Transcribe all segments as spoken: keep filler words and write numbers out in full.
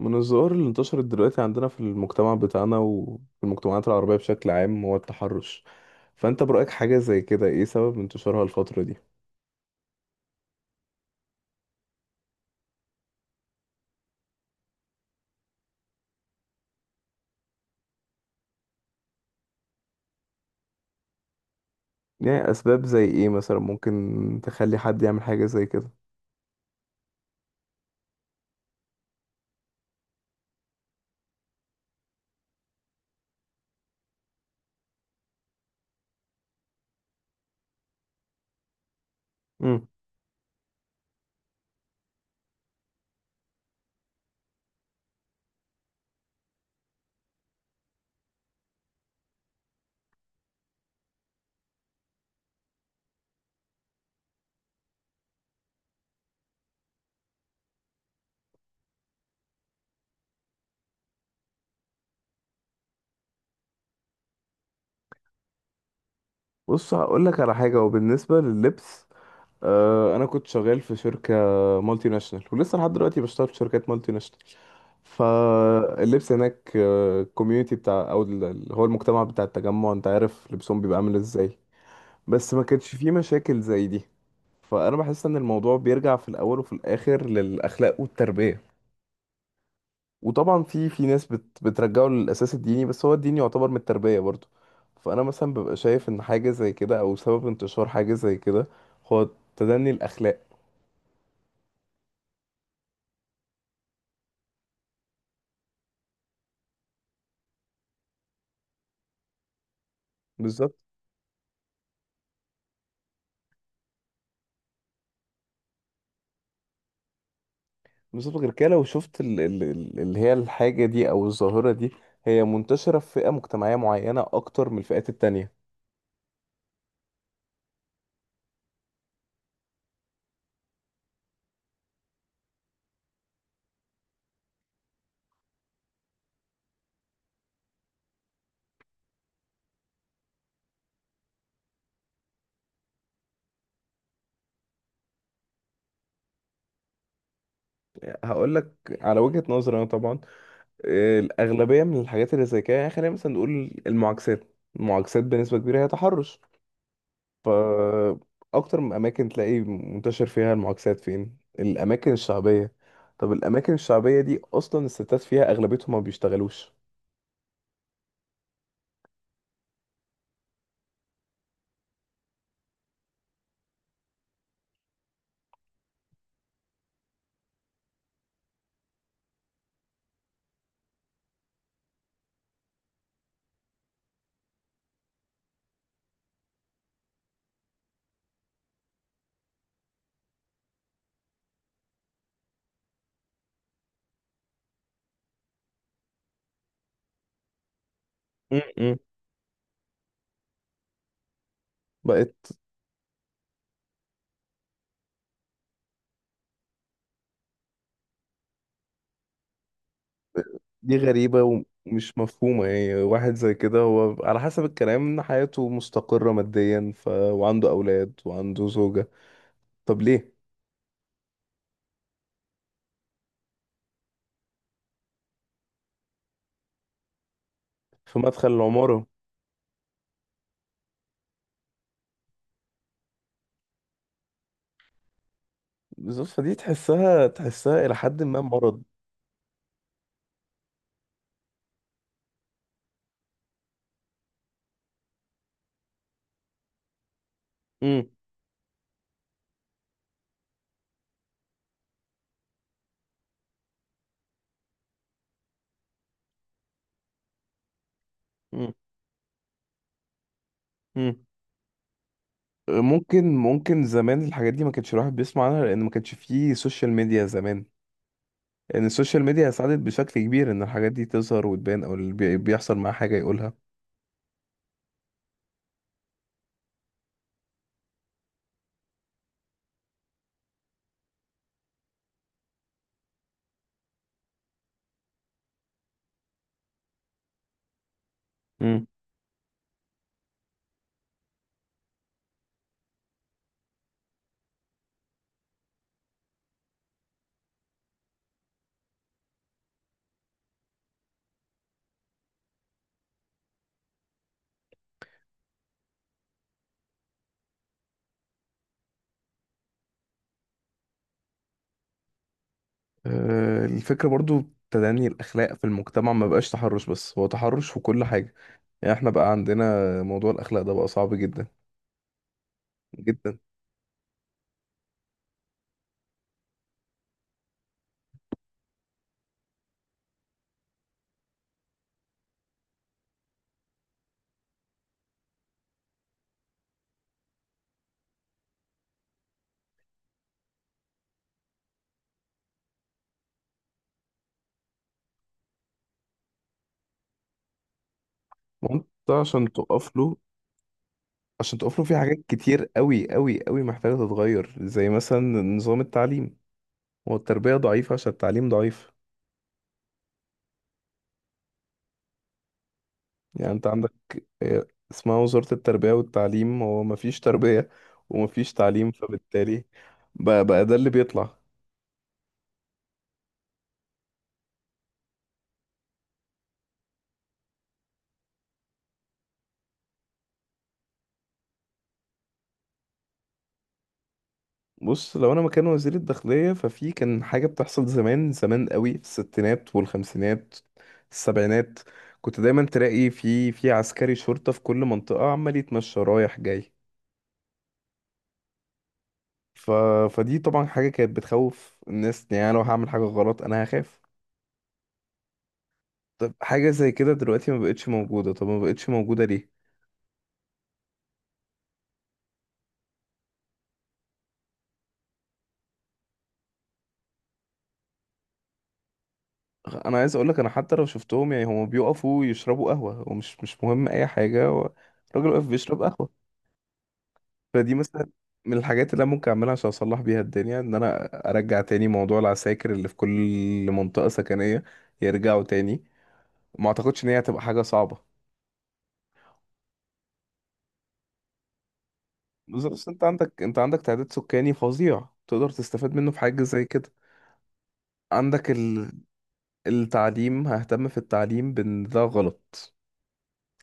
من الظواهر اللي انتشرت دلوقتي عندنا في المجتمع بتاعنا وفي المجتمعات العربية بشكل عام هو التحرش. فأنت برأيك حاجة زي كده إيه سبب انتشارها الفترة دي؟ يعني أسباب زي إيه مثلا ممكن تخلي حد يعمل حاجة زي كده؟ مم. بص هقولك على حاجة وبالنسبة لللبس، آه أنا كنت شغال في شركة مالتي ناشونال، ولسه لحد دلوقتي بشتغل في شركات مالتي ناشونال. فاللبس هناك، الكوميونتي بتاع أو ال- اللي هو المجتمع بتاع التجمع، أنت عارف لبسهم بيبقى عامل إزاي. بس ما كانش فيه مشاكل زي دي. فانا بحس ان الموضوع بيرجع في الاول وفي الاخر للاخلاق والتربيه. وطبعا في في ناس بت بترجعه للاساس الديني، بس هو الدين يعتبر من التربيه برضو. فانا مثلا ببقى شايف ان حاجه زي كده او سبب انتشار حاجه زي كده هو تدني الاخلاق. بالظبط. بالظبط، غير كده لو شفت ال- ال- ال- اللي هي الحاجه دي او الظاهره دي، هي منتشره في فئه مجتمعيه معينه اكتر من الفئات التانية. هقول لك على وجهه نظري انا طبعا، الأغلبية من الحاجات اللي زي كده، يعني خلينا مثلا نقول المعاكسات، المعاكسات بنسبة كبيرة هي تحرش. فأكتر من أماكن تلاقي منتشر فيها المعاكسات فين؟ الأماكن الشعبية. طب الأماكن الشعبية دي أصلا الستات فيها أغلبيتهم ما بيشتغلوش. م-م. بقت دي غريبة ومش مفهومة، يعني واحد زي كده هو على حسب الكلام إن حياته مستقرة ماديا ف... وعنده أولاد وعنده زوجة، طب ليه؟ في مدخل العمارة. بالظبط، فدي تحسها، تحسها إلى حد ما مرض. امم. امم. امم. أه، ممكن، ممكن زمان الحاجات دي ما كانش الواحد بيسمع عنها لأن ما كانش فيه سوشيال ميديا زمان. لأن السوشيال ميديا ساعدت بشكل كبير إن الحاجات دي تظهر وتبان، أو اللي بي- بيحصل معاه حاجة يقولها. امم. آه، الفكرة برضو تدني الأخلاق في المجتمع، ما بقاش تحرش بس، هو تحرش في كل حاجة. يعني احنا بقى عندنا موضوع الأخلاق ده بقى صعب جدا جدا. وانت عشان تقف له، عشان تقفله، في حاجات كتير قوي قوي قوي محتاجة تتغير زي مثلا نظام التعليم. هو التربية ضعيفة عشان التعليم ضعيف. يعني انت عندك آه، اسمها وزارة التربية والتعليم، هو مفيش تربية ومفيش تعليم، فبالتالي بقى, بقى ده اللي بيطلع. بص لو انا مكان وزير الداخلية، ففي كان حاجة بتحصل زمان، زمان قوي، في الستينات والخمسينات، السبعينات، كنت دايما تلاقي في في عسكري شرطة في كل منطقة عمال يتمشى رايح جاي. ف... فدي طبعا حاجة كانت بتخوف الناس، يعني أنا لو هعمل حاجة غلط أنا هخاف. طب حاجة زي كده دلوقتي ما بقتش موجودة، طب ما بقتش موجودة ليه؟ أنا عايز أقولك أنا حتى لو شفتهم يعني هما بيقفوا يشربوا قهوة، ومش مش مهم أي حاجة، هو الراجل واقف بيشرب قهوة. فدي مثلا من الحاجات اللي أنا ممكن أعملها عشان أصلح بيها الدنيا، إن أنا أرجع تاني موضوع العساكر اللي في كل منطقة سكنية، يرجعوا تاني. ما أعتقدش إن هي هتبقى حاجة صعبة. بالظبط، أنت عندك أنت عندك تعداد سكاني فظيع تقدر تستفاد منه في حاجة زي كده. عندك ال... التعليم، ههتم في التعليم بان ده غلط،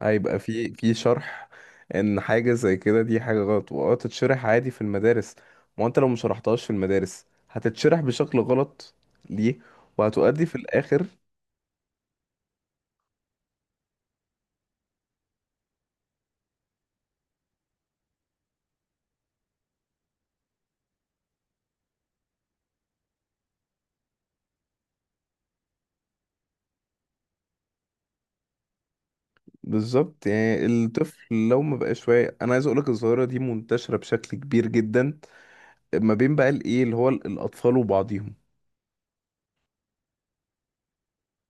هيبقى في في شرح ان حاجة زي كده دي حاجة غلط، واه تتشرح عادي في المدارس. ما انت لو ما شرحتهاش في المدارس هتتشرح بشكل غلط، ليه؟ وهتؤدي في الاخر. بالظبط، يعني الطفل لو ما بقاش واعي. انا عايز اقولك الظاهرة دي منتشرة بشكل كبير جدا ما بين بقى الايه اللي هو الاطفال وبعضهم،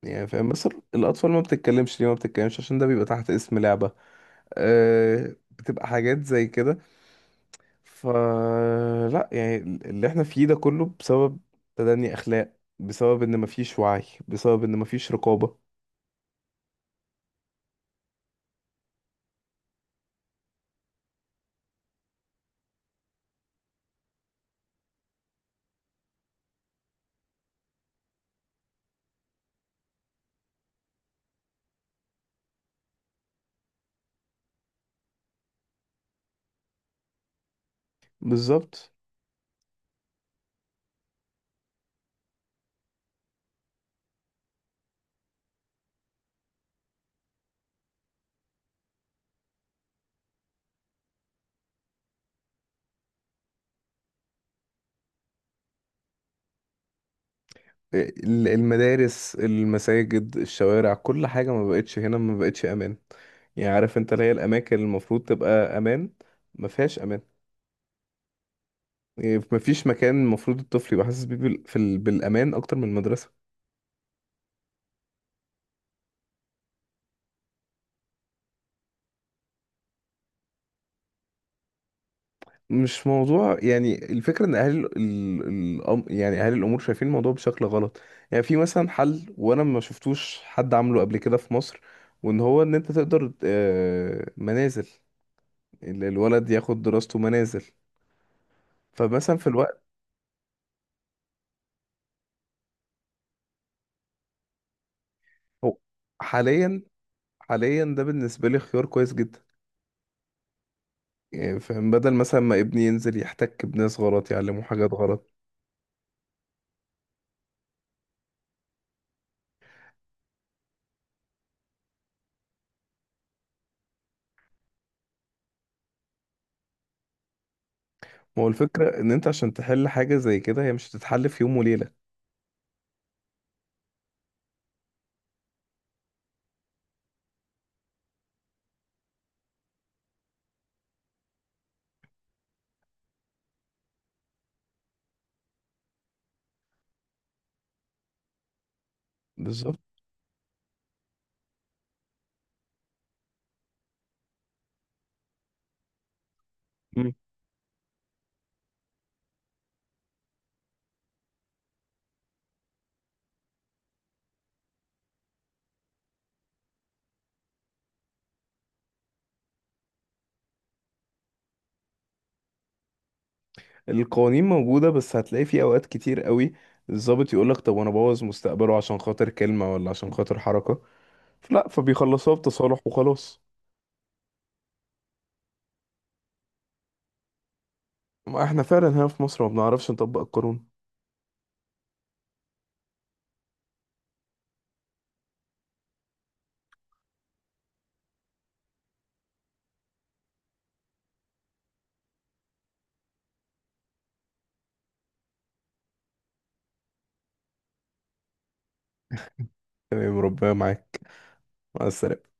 يعني فاهم؟ بس الاطفال ما بتتكلمش، ليه ما بتتكلمش؟ عشان ده بيبقى تحت اسم لعبة، آه، بتبقى حاجات زي كده. فلا، يعني اللي احنا فيه ده كله بسبب تدني اخلاق، بسبب ان مفيش وعي، بسبب ان مفيش رقابة. بالظبط. آه، ال- المدارس، المساجد، الشوارع، كل حاجة ما بقتش هنا، ما بقتش امان. يعني عارف انت اللي هي الاماكن اللي المفروض تبقى امان، ما فيهاش امان. يعني مفيش مكان المفروض الطفل يبقى حاسس بيه بال- في ال- بالامان اكتر من المدرسة. مش موضوع، يعني الفكرة ان اهل ال... ال... الأم- يعني اهل الامور شايفين الموضوع بشكل غلط. يعني في مثلا حل وانا ما شفتوش حد عامله قبل كده في مصر، وان هو ان انت تقدر آه، منازل، ال- الولد ياخد دراسته منازل. فمثلا في الوقت هو حاليا، حاليا ده بالنسبة لي خيار كويس جدا. يعني فاهم، بدل مثلا ما ابني ينزل يحتك بناس غلط يعلمه حاجات غلط. ما هو الفكرة ان انت عشان تحل حاجة زي كده هي مش هتتحل في يوم وليلة. بالظبط. القوانين موجودة بس هتلاقي في أوقات كتير قوي الضابط يقولك طب أنا بوظ مستقبله عشان خاطر كلمة ولا عشان خاطر حركة؟ فلا، فبيخلصوها بتصالح وخلاص. ما احنا فعلا هنا في مصر ما بنعرفش نطبق القانون. تمام، ربنا معاك، مع السلامة.